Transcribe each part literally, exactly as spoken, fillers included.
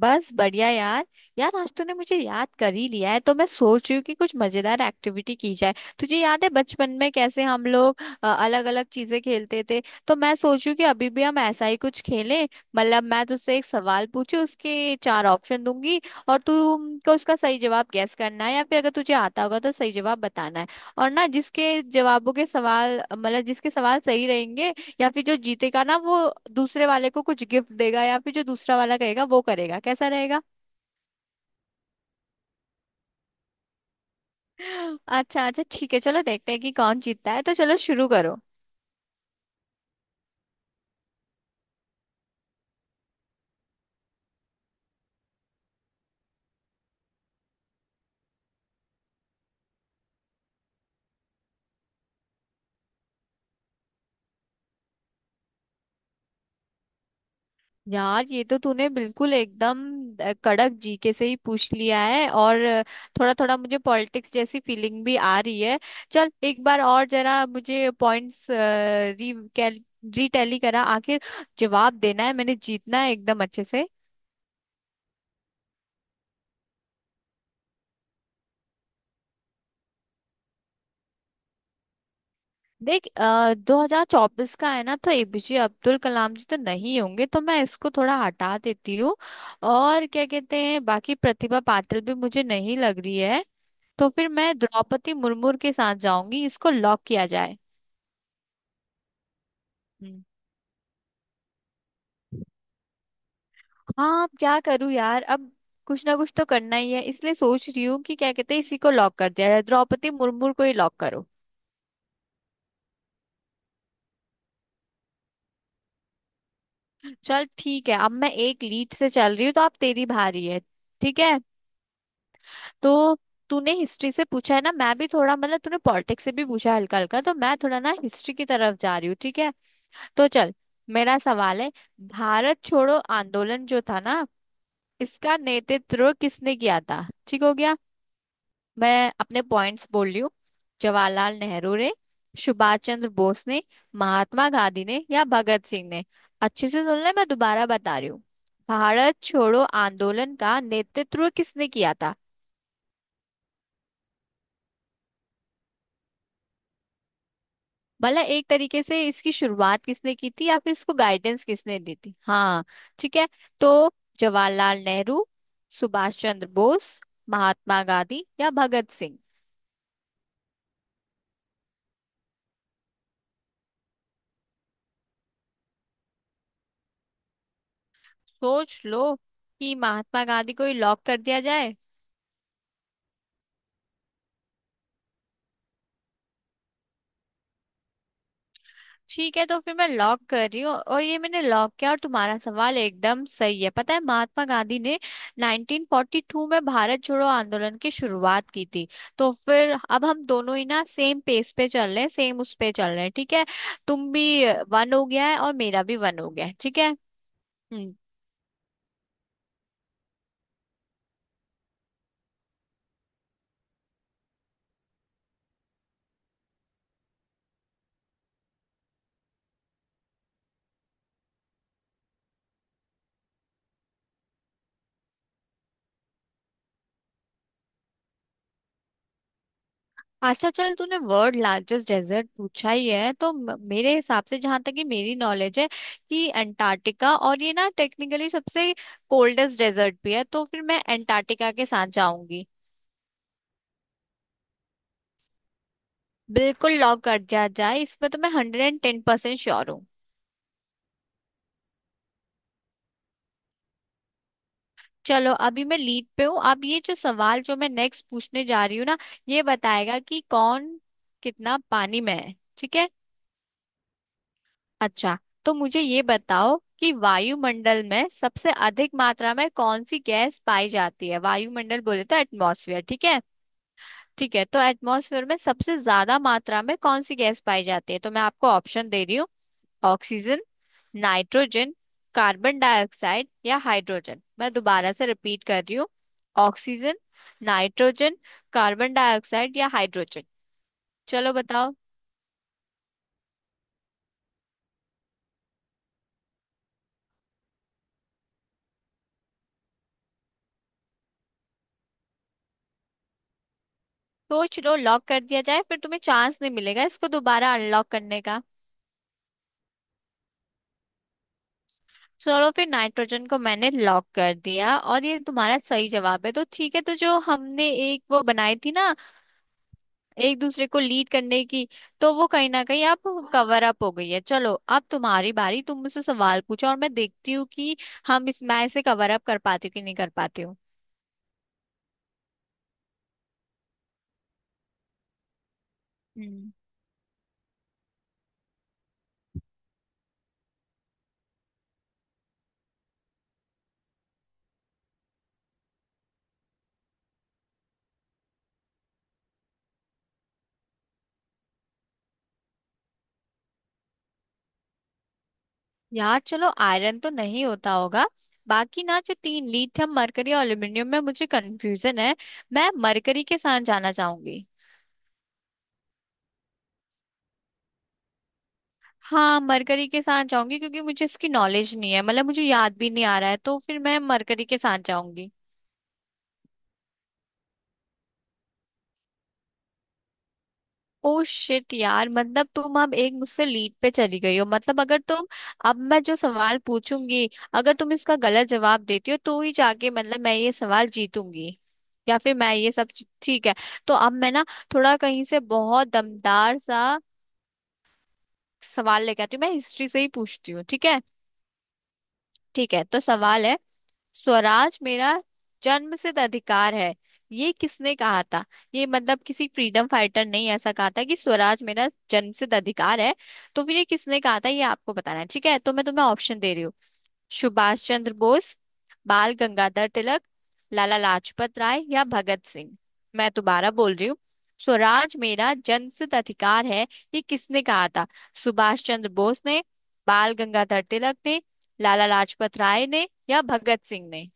बस बढ़िया यार। यार आज तूने मुझे याद कर ही लिया है, तो मैं सोच रही हूँ कि कुछ मजेदार एक्टिविटी की जाए। तुझे याद है बचपन में कैसे हम लोग अलग अलग चीजें खेलते थे? तो मैं सोच रही हूँ कि अभी भी हम ऐसा ही कुछ खेलें। मतलब मैं तुझसे एक सवाल पूछू, उसके चार ऑप्शन दूंगी, और तुमको उसका सही जवाब गेस करना है, या फिर अगर तुझे आता होगा तो सही जवाब बताना है। और ना जिसके जवाबों के सवाल, मतलब जिसके सवाल सही रहेंगे, या फिर जो जीतेगा ना, वो दूसरे वाले को कुछ गिफ्ट देगा, या फिर जो दूसरा वाला कहेगा वो करेगा। कैसा रहेगा? अच्छा अच्छा, ठीक है, चलो देखते हैं कि कौन जीतता है। तो चलो, शुरू करो। यार, ये तो तूने बिल्कुल एकदम अ, कड़क जीके से ही पूछ लिया है। और थोड़ा थोड़ा मुझे पॉलिटिक्स जैसी फीलिंग भी आ रही है। चल एक बार और जरा मुझे पॉइंट्स री रिटैली करा आखिर। जवाब देना है, मैंने जीतना है एकदम अच्छे से। देख आ, दो हजार चौबीस का है ना, तो एपीजे अब्दुल कलाम जी तो नहीं होंगे, तो मैं इसको थोड़ा हटा देती हूँ। और क्या कहते हैं, बाकी प्रतिभा पाटिल भी मुझे नहीं लग रही है। तो फिर मैं द्रौपदी मुर्मू के साथ जाऊंगी, इसको लॉक किया जाए। हम्म। हाँ, अब क्या करूँ यार, अब कुछ ना कुछ तो करना ही है, इसलिए सोच रही हूँ कि क्या कहते हैं, इसी को लॉक कर दिया जाए। द्रौपदी मुर्मू को ही लॉक करो। चल ठीक है, अब मैं एक लीड से चल रही हूँ, तो आप तेरी भारी है। ठीक है। तो तूने हिस्ट्री से पूछा है ना, मैं भी थोड़ा, मतलब तूने पॉलिटिक्स से भी पूछा है हल्का हल्का, तो मैं थोड़ा ना हिस्ट्री की तरफ जा रही हूँ, ठीक है? तो चल, मेरा सवाल है। भारत छोड़ो आंदोलन जो था ना, इसका नेतृत्व किसने किया था, ठीक हो गया? मैं अपने पॉइंट्स बोल रही हूँ। जवाहरलाल नेहरू ने, सुभाष चंद्र बोस ने, महात्मा गांधी ने, या भगत सिंह ने। अच्छे से सुन ले, मैं दोबारा बता रही हूँ। भारत छोड़ो आंदोलन का नेतृत्व किसने किया था? भला एक तरीके से इसकी शुरुआत किसने की थी, या फिर इसको गाइडेंस किसने दी थी, हाँ? ठीक है तो, जवाहरलाल नेहरू, सुभाष चंद्र बोस, महात्मा गांधी या भगत सिंह। सोच लो कि महात्मा गांधी को ही लॉक कर दिया जाए। ठीक है, तो फिर मैं लॉक कर रही हूँ, और ये मैंने लॉक किया, और तुम्हारा सवाल एकदम सही है। पता है, महात्मा गांधी ने नाइनटीन फोर्टी टू में भारत छोड़ो आंदोलन की शुरुआत की थी। तो फिर अब हम दोनों ही ना सेम पेज पे चल रहे हैं, सेम उस पे चल रहे हैं, ठीक है? तुम भी वन हो गया है और मेरा भी वन हो गया है, ठीक है। हम्म। अच्छा चल, तूने वर्ल्ड लार्जेस्ट डेजर्ट पूछा ही है, तो म- मेरे हिसाब से, जहां तक कि मेरी नॉलेज है, कि अंटार्कटिका, और ये ना टेक्निकली सबसे कोल्डेस्ट डेजर्ट भी है, तो फिर मैं अंटार्कटिका के साथ जाऊंगी। बिल्कुल लॉक कर दिया जाए, इसमें तो मैं hundred and ten percent sure हूँ। चलो, अभी मैं लीड पे हूँ। अब ये जो सवाल जो मैं नेक्स्ट पूछने जा रही हूँ ना, ये बताएगा कि कौन कितना पानी में है, ठीक है? अच्छा, तो मुझे ये बताओ कि वायुमंडल में सबसे अधिक मात्रा में कौन सी गैस पाई जाती है? वायुमंडल बोले तो एटमॉस्फेयर, ठीक है? ठीक है, तो एटमॉस्फेयर में सबसे ज्यादा मात्रा में कौन सी गैस पाई जाती है? तो मैं आपको ऑप्शन दे रही हूँ। ऑक्सीजन, नाइट्रोजन, कार्बन डाइऑक्साइड या हाइड्रोजन। मैं दोबारा से रिपीट कर रही हूँ। ऑक्सीजन, नाइट्रोजन, कार्बन डाइऑक्साइड या हाइड्रोजन। चलो, बताओ। सोच लो, लॉक कर दिया जाए, फिर तुम्हें चांस नहीं मिलेगा इसको दोबारा अनलॉक करने का। चलो फिर, नाइट्रोजन को मैंने लॉक कर दिया, और ये तुम्हारा सही जवाब है, तो ठीक है। तो जो हमने एक वो बनाई थी ना, एक दूसरे को लीड करने की, तो वो कहीं ना कहीं अब कवर अप हो गई है। चलो, अब तुम्हारी बारी, तुम मुझसे सवाल पूछो, और मैं देखती हूँ कि हम इस मैं इसे कवर अप कर पाती हूँ कि नहीं कर पाती हूँ। हम्म। यार चलो, आयरन तो नहीं होता होगा। बाकी ना जो तीन लीड थे, मरकरी और एल्यूमिनियम में मुझे कंफ्यूजन है। मैं मरकरी के साथ जाना चाहूंगी। हाँ, मरकरी के साथ जाऊंगी, क्योंकि मुझे इसकी नॉलेज नहीं है, मतलब मुझे याद भी नहीं आ रहा है, तो फिर मैं मरकरी के साथ जाऊंगी। ओ शिट यार, मतलब तुम अब एक मुझसे लीड पे चली गई हो। मतलब अगर तुम, अब मैं जो सवाल पूछूंगी, अगर तुम इसका गलत जवाब देती हो, तो ही जाके मतलब मैं ये सवाल जीतूंगी। या फिर मैं ये सब चीज- ठीक है। तो अब मैं ना थोड़ा कहीं से बहुत दमदार सा सवाल लेके आती हूँ। मैं हिस्ट्री से ही पूछती हूँ, ठीक है? ठीक है, तो सवाल है, स्वराज मेरा जन्मसिद्ध अधिकार है, ये किसने कहा था? ये मतलब किसी फ्रीडम फाइटर ने ही ऐसा कहा था कि स्वराज मेरा जन्मसिद्ध अधिकार है। तो फिर ये किसने कहा था, ये आपको बताना है, ठीक है? तो मैं तुम्हें ऑप्शन दे रही हूँ। सुभाष चंद्र बोस, बाल गंगाधर तिलक, लाला लाजपत राय या भगत सिंह। मैं दोबारा बोल रही हूँ। स्वराज मेरा जन्मसिद्ध अधिकार है, ये किसने कहा था? सुभाष चंद्र बोस ने, बाल गंगाधर तिलक ने, लाला लाजपत राय ने या भगत सिंह ने।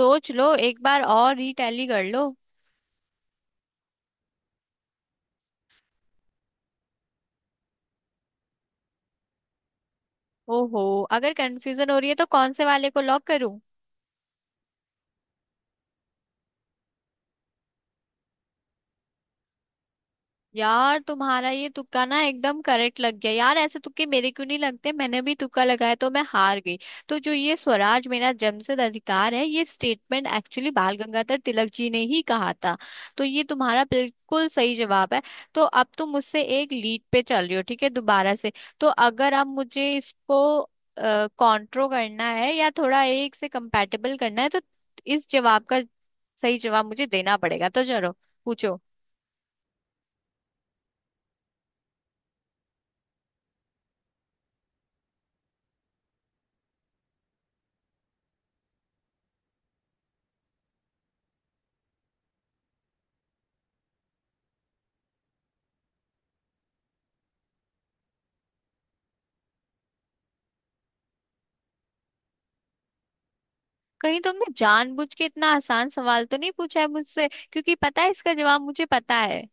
सोच लो एक बार और, रीटैली कर लो। ओहो, अगर कंफ्यूजन हो रही है, तो कौन से वाले को लॉक करूं? यार तुम्हारा ये तुक्का ना एकदम करेक्ट लग गया। यार ऐसे तुक्के मेरे क्यों नहीं लगते? मैंने भी तुक्का लगाया तो मैं हार गई। तो जो ये स्वराज मेरा जन्मसिद्ध अधिकार है, ये स्टेटमेंट एक्चुअली बाल गंगाधर तिलक जी ने ही कहा था, तो ये तुम्हारा बिल्कुल सही जवाब है। तो अब तुम मुझसे एक लीड पे चल रही हो, ठीक है, दोबारा से। तो अगर अब मुझे इसको कॉन्ट्रो करना है, या थोड़ा एक से कंपैटिबल करना है, तो इस जवाब का सही जवाब मुझे देना पड़ेगा, तो चलो, पूछो। कहीं तुमने जानबूझ के इतना आसान सवाल तो नहीं पूछा है मुझसे, क्योंकि पता है इसका जवाब मुझे पता है।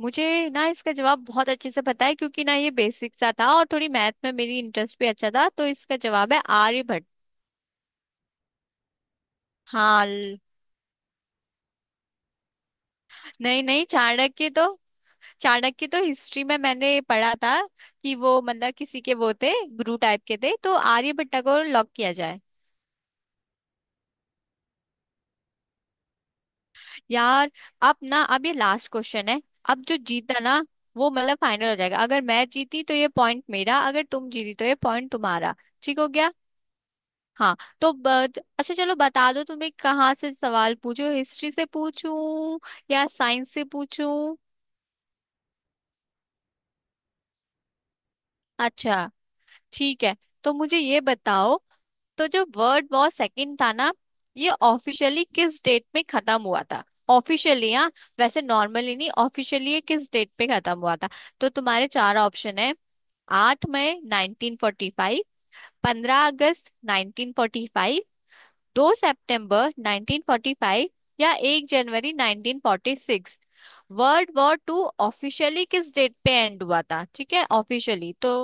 मुझे ना इसका जवाब बहुत अच्छे से पता है, क्योंकि ना ये बेसिक सा था, और थोड़ी मैथ में मेरी इंटरेस्ट भी अच्छा था, तो इसका जवाब है आर्यभट्ट। हाँ ल- नहीं नहीं, चाणक्य तो चाणक्य तो हिस्ट्री में मैंने पढ़ा था कि वो, मतलब किसी के वो थे, गुरु टाइप के थे। तो आर्यभट्ट को लॉक किया जाए। यार, अब ना अब ये लास्ट क्वेश्चन है। अब जो जीता ना, वो मतलब फाइनल हो जाएगा। अगर मैं जीती तो ये पॉइंट मेरा, अगर तुम जीती तो ये पॉइंट तुम्हारा, ठीक हो गया? हाँ। तो ब- अच्छा चलो, बता दो तुम्हें कहाँ से सवाल पूछो, हिस्ट्री से पूछूं या साइंस से पूछूं? अच्छा, ठीक है, तो मुझे ये बताओ। तो जो वर्ल्ड वॉर सेकंड था ना, ये ऑफिशियली किस डेट में खत्म हुआ था? ऑफिशियली हाँ, वैसे नॉर्मली नहीं, ऑफिशियली ये किस डेट पे खत्म हुआ था? तो तुम्हारे चार ऑप्शन है। आठ मई नाइनटीन फोर्टी फाइव, पंद्रह अगस्त नाइनटीन फोर्टी फाइव, दो सितंबर नाइनटीन फोर्टी फाइव या एक जनवरी nineteen forty six. World war two officially किस डेट पे एंड हुआ था, ठीक है, ऑफिशियली तो?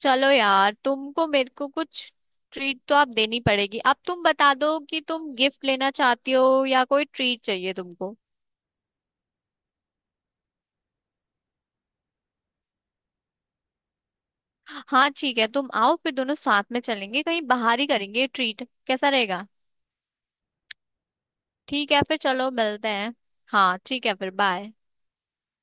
चलो यार, तुमको मेरे को कुछ ट्रीट तो आप देनी पड़ेगी। अब तुम बता दो कि तुम गिफ्ट लेना चाहती हो, या कोई ट्रीट चाहिए तुमको। हाँ ठीक है, तुम आओ फिर, दोनों साथ में चलेंगे कहीं बाहर ही, करेंगे ट्रीट। कैसा रहेगा? ठीक है फिर, चलो मिलते हैं। हाँ ठीक है, फिर बाय।